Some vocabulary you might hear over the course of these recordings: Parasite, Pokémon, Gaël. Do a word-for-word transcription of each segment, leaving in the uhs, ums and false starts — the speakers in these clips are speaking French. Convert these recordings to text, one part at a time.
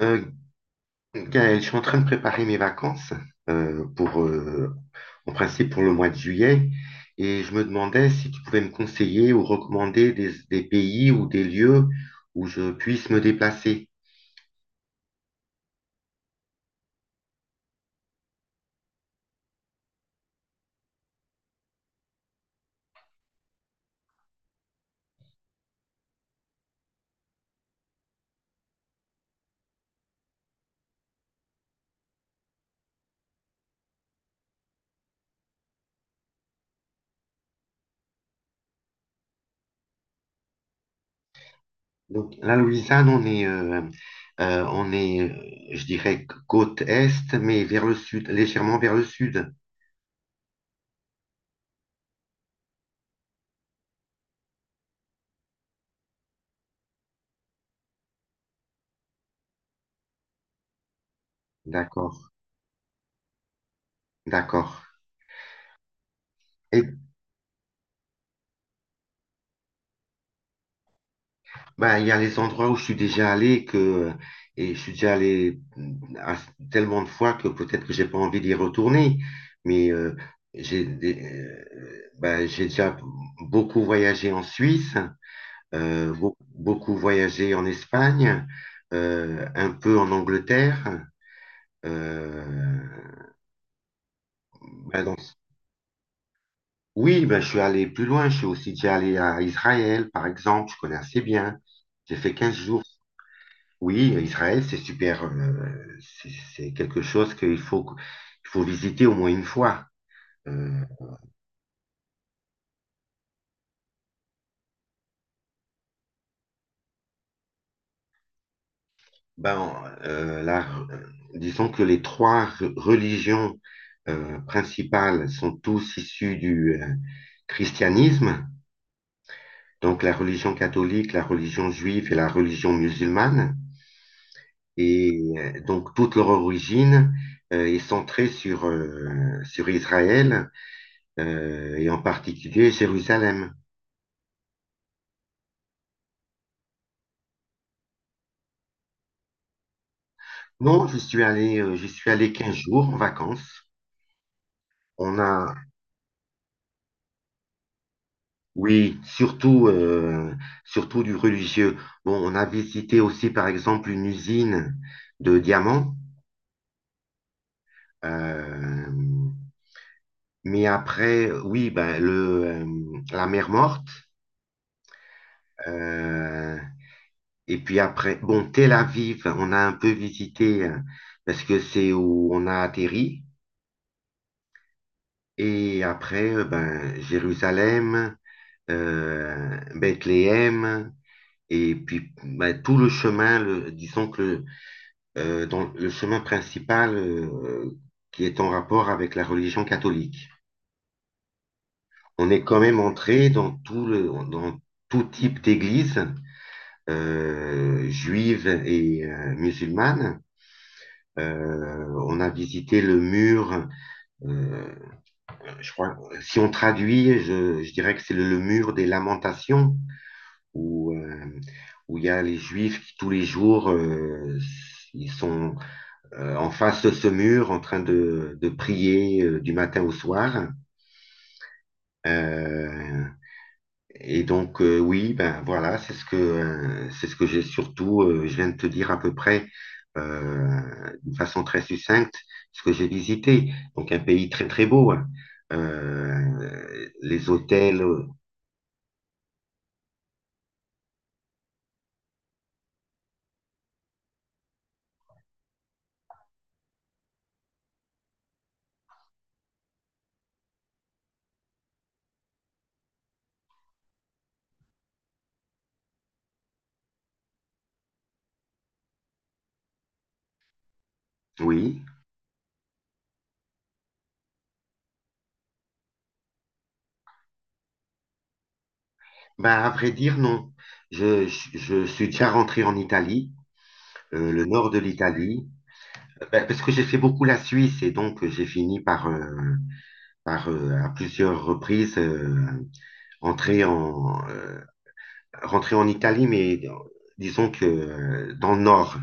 Euh, bien, je suis en train de préparer mes vacances euh, pour, euh, en principe pour le mois de juillet. Et je me demandais si tu pouvais me conseiller ou recommander des, des pays ou des lieux où je puisse me déplacer. Donc la Louisiane, on est, euh, euh, on est, euh, je dirais, côte est, mais vers le sud, légèrement vers le sud. D'accord, d'accord. Bah, il y a les endroits où je suis déjà allé et que, euh, et je suis déjà allé mm, à- tellement de fois que peut-être que j'ai pas envie d'y retourner. Mais euh, j'ai des- euh, bah, j'ai déjà beaucoup voyagé en Suisse, euh, beau- beaucoup voyagé en Espagne, euh, un peu en Angleterre. euh, bah, dans- Oui, bah, je suis allé plus loin. Je suis aussi déjà allé à Israël, par exemple. Je connais assez bien. J'ai fait quinze jours. Oui, Israël, c'est super. euh, c'est c'est quelque chose qu'il faut, il faut visiter au moins une fois. Euh, ben, euh, la- euh, Disons que les trois re- religions euh, principales sont tous issues du euh, christianisme, donc la religion catholique, la religion juive et la religion musulmane. Et euh, donc toute leur origine euh, est centrée sur, euh, sur Israël, euh, et en particulier Jérusalem. Non, j'y suis allé, euh, j'y suis allé quinze jours en vacances. On a, oui, surtout, euh, surtout du religieux. Bon, on a visité aussi, par exemple, une usine de diamants. Euh, mais après, oui, ben, le, euh, la mer Morte. euh, et puis après, bon, Tel Aviv, on a un peu visité, euh, parce que c'est où on a atterri. Et après, euh, ben, Jérusalem, euh, Bethléem. Et puis, bah, tout le chemin, le- disons que le, euh, dans le chemin principal euh, qui est en rapport avec la religion catholique. On est quand même entré dans tout le, dans tout type d'église, euh, juive et euh, musulmane. Euh, on a visité le mur, euh, je crois, si on traduit, je, je dirais que c'est le, le mur des lamentations, où, euh, où il y a les juifs qui tous les jours, euh, ils sont euh, en face de ce mur en train de, de prier euh, du matin au soir. Euh, et donc euh, oui, ben voilà, c'est ce que euh, c'est ce que j'ai surtout, euh, je viens de te dire à peu près, euh, d'une façon très succincte, ce que j'ai visité. Donc un pays très très beau, hein. Euh, les hôtels, euh, oui. Ben à vrai dire non, je je, je suis déjà rentré en Italie, euh, le nord de l'Italie. Ben, parce que j'ai fait beaucoup la Suisse et donc euh, j'ai fini par, euh, par euh, à plusieurs reprises, euh, entrer en, euh, rentrer en Italie, mais euh, disons que euh, dans le nord,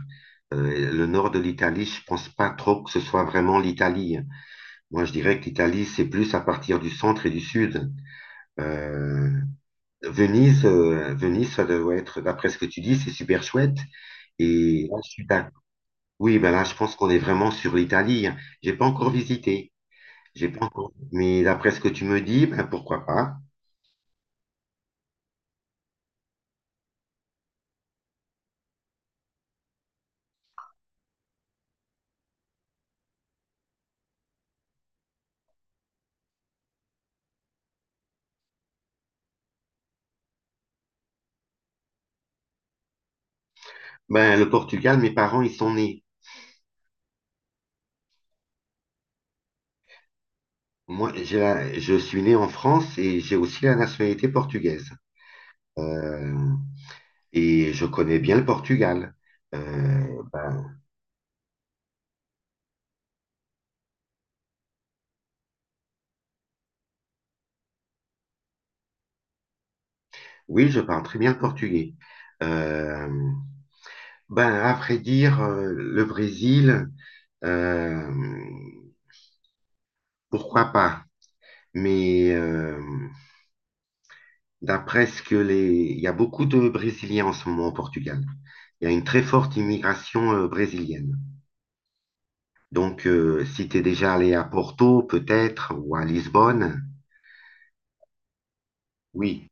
Euh, le nord de l'Italie, je pense pas trop que ce soit vraiment l'Italie. Moi, je dirais que l'Italie, c'est plus à partir du centre et du sud. Euh, Venise, euh, Venise, ça doit être, d'après ce que tu dis, c'est super chouette. Et là, je suis d'accord. Oui, ben là, je pense qu'on est vraiment sur l'Italie. J'ai pas encore visité. J'ai pas encore. Mais d'après ce que tu me dis, ben pourquoi pas? Ben le Portugal, mes parents ils sont nés. Moi, j'ai la- je suis né en France et j'ai aussi la nationalité portugaise. Euh, et je connais bien le Portugal. Euh, ben, oui, je parle très bien le portugais. Euh, ben après dire euh, le Brésil, euh, pourquoi pas? Mais euh, d'après ce que les... Il y a beaucoup de Brésiliens en ce moment au Portugal. Il y a une très forte immigration euh, brésilienne. Donc, euh, si tu es déjà allé à Porto, peut-être, ou à Lisbonne, oui.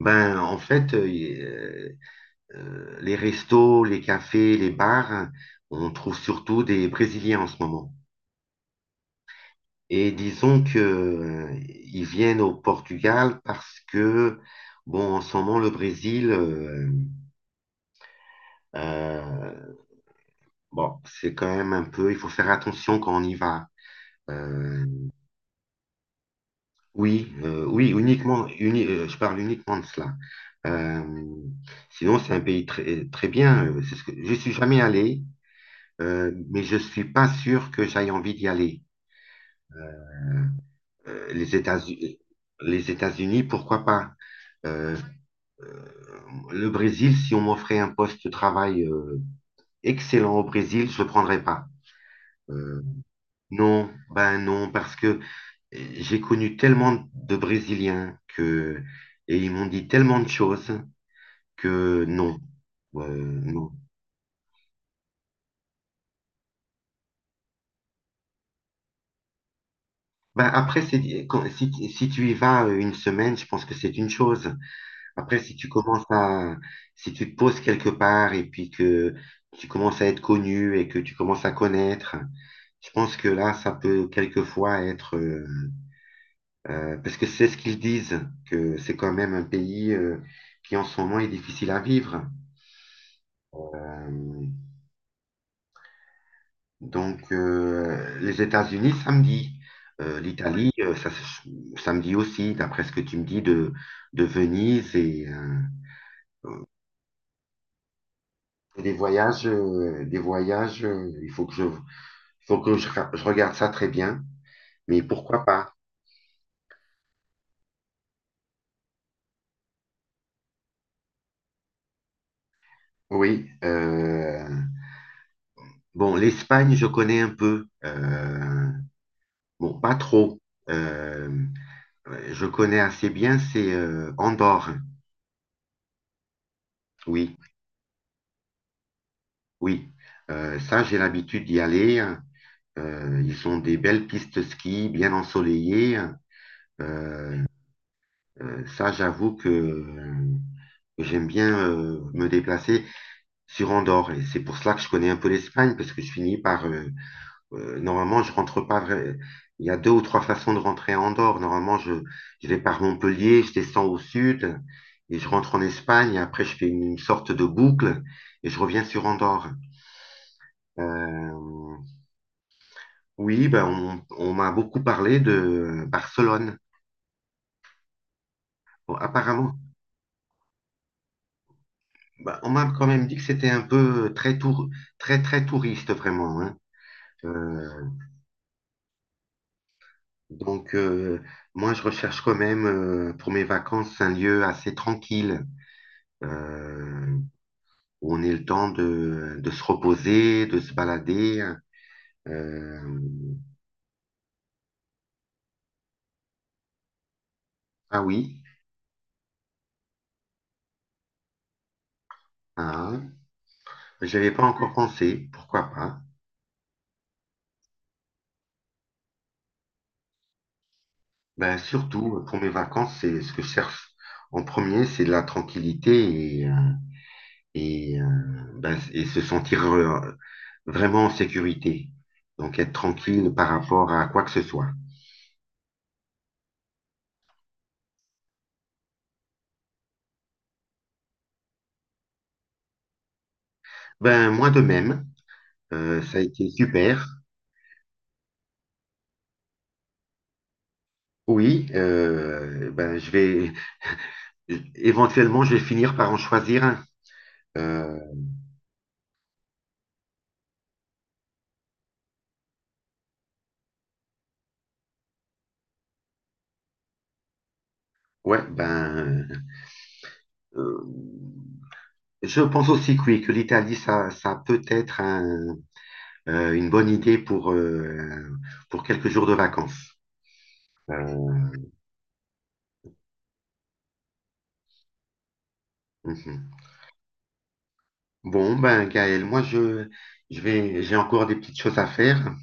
Ben, en fait, euh, euh, euh, les restos, les cafés, les bars, on trouve surtout des Brésiliens en ce moment. Et disons que, euh, ils viennent au Portugal parce que, bon, en ce moment, le Brésil, euh, euh, bon, c'est quand même un peu, il faut faire attention quand on y va. Euh, oui, euh, oui, uniquement, uni- euh, je parle uniquement de cela. Euh, Sinon, c'est un pays très, très bien. Euh, C'est ce que, je suis jamais allé, euh, mais je suis pas sûr que j'aille envie d'y aller. Euh, les États-Unis, les États-Unis, pourquoi pas? Euh, euh, le Brésil, si on m'offrait un poste de travail euh, excellent au Brésil, je le prendrais pas. Euh, non, ben non, parce que j'ai connu tellement de Brésiliens que, et ils m'ont dit tellement de choses que non. Euh, non. Bah après, c'est- quand- si, tu- si tu y vas euh, une semaine, je pense que c'est une chose. Après, si tu commences à, si tu te poses quelque part et puis que tu commences à être connu et que tu commences à connaître, je pense que là, ça peut quelquefois être, euh, euh, parce que c'est ce qu'ils disent, que c'est quand même un pays, euh, qui en ce moment est difficile à vivre. Euh, Donc, euh, les États-Unis samedi, Euh, l'Italie euh, ça se- samedi aussi, d'après ce que tu me dis de, de Venise et euh, des voyages, euh, des voyages. Euh, il faut que je, il faut que je, ra- je regarde ça très bien. Mais pourquoi pas? Oui. Euh, bon, l'Espagne, je connais un peu. Euh, bon, pas trop. Euh, je connais assez bien. C'est euh, Andorre. Oui, oui. Euh, ça, j'ai l'habitude d'y aller, hein. Euh, ils ont des belles pistes ski, bien ensoleillées. Euh, euh, Ça, j'avoue que euh, j'aime bien euh, me déplacer sur Andorre. Et c'est pour cela que je connais un peu l'Espagne, parce que je finis par... euh, euh, normalement, je rentre pas... vra- Il y a deux ou trois façons de rentrer à Andorre. Normalement, je, je vais par Montpellier, je descends au sud, et je rentre en Espagne, et après, je fais une sorte de boucle, et je reviens sur Andorre. Euh, oui, ben, on, on m'a beaucoup parlé de Barcelone. Bon, apparemment, bah, on m'a quand même dit que c'était un peu très, tour, très, très touriste, vraiment, hein. Euh, donc, euh, moi, je recherche quand même, euh, pour mes vacances, un lieu assez tranquille, euh, où on ait le temps de, de se reposer, de se balader. Euh, ah oui, ah, je pas encore pensé, pourquoi pas. Ben, surtout, pour mes vacances, c'est ce que je cherche en premier, c'est de la tranquillité, et, euh, et, euh, ben, et se sentir euh, vraiment en sécurité. Donc être tranquille par rapport à quoi que ce soit. Ben moi de même, euh, ça a été super. Oui, euh, ben je vais éventuellement je vais finir par en choisir un. Euh, ouais, ben euh, je pense aussi que oui, que l'Italie ça, ça peut être un, euh, une bonne idée pour, euh, pour quelques jours de vacances. Euh, mhm. Bon ben Gaël, moi je je vais j'ai encore des petites choses à faire.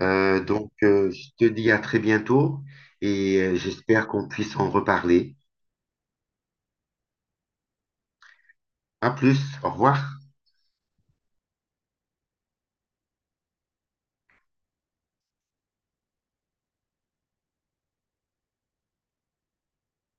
Euh, donc, euh, je te dis à très bientôt et euh, j'espère qu'on puisse en reparler. À plus, au revoir.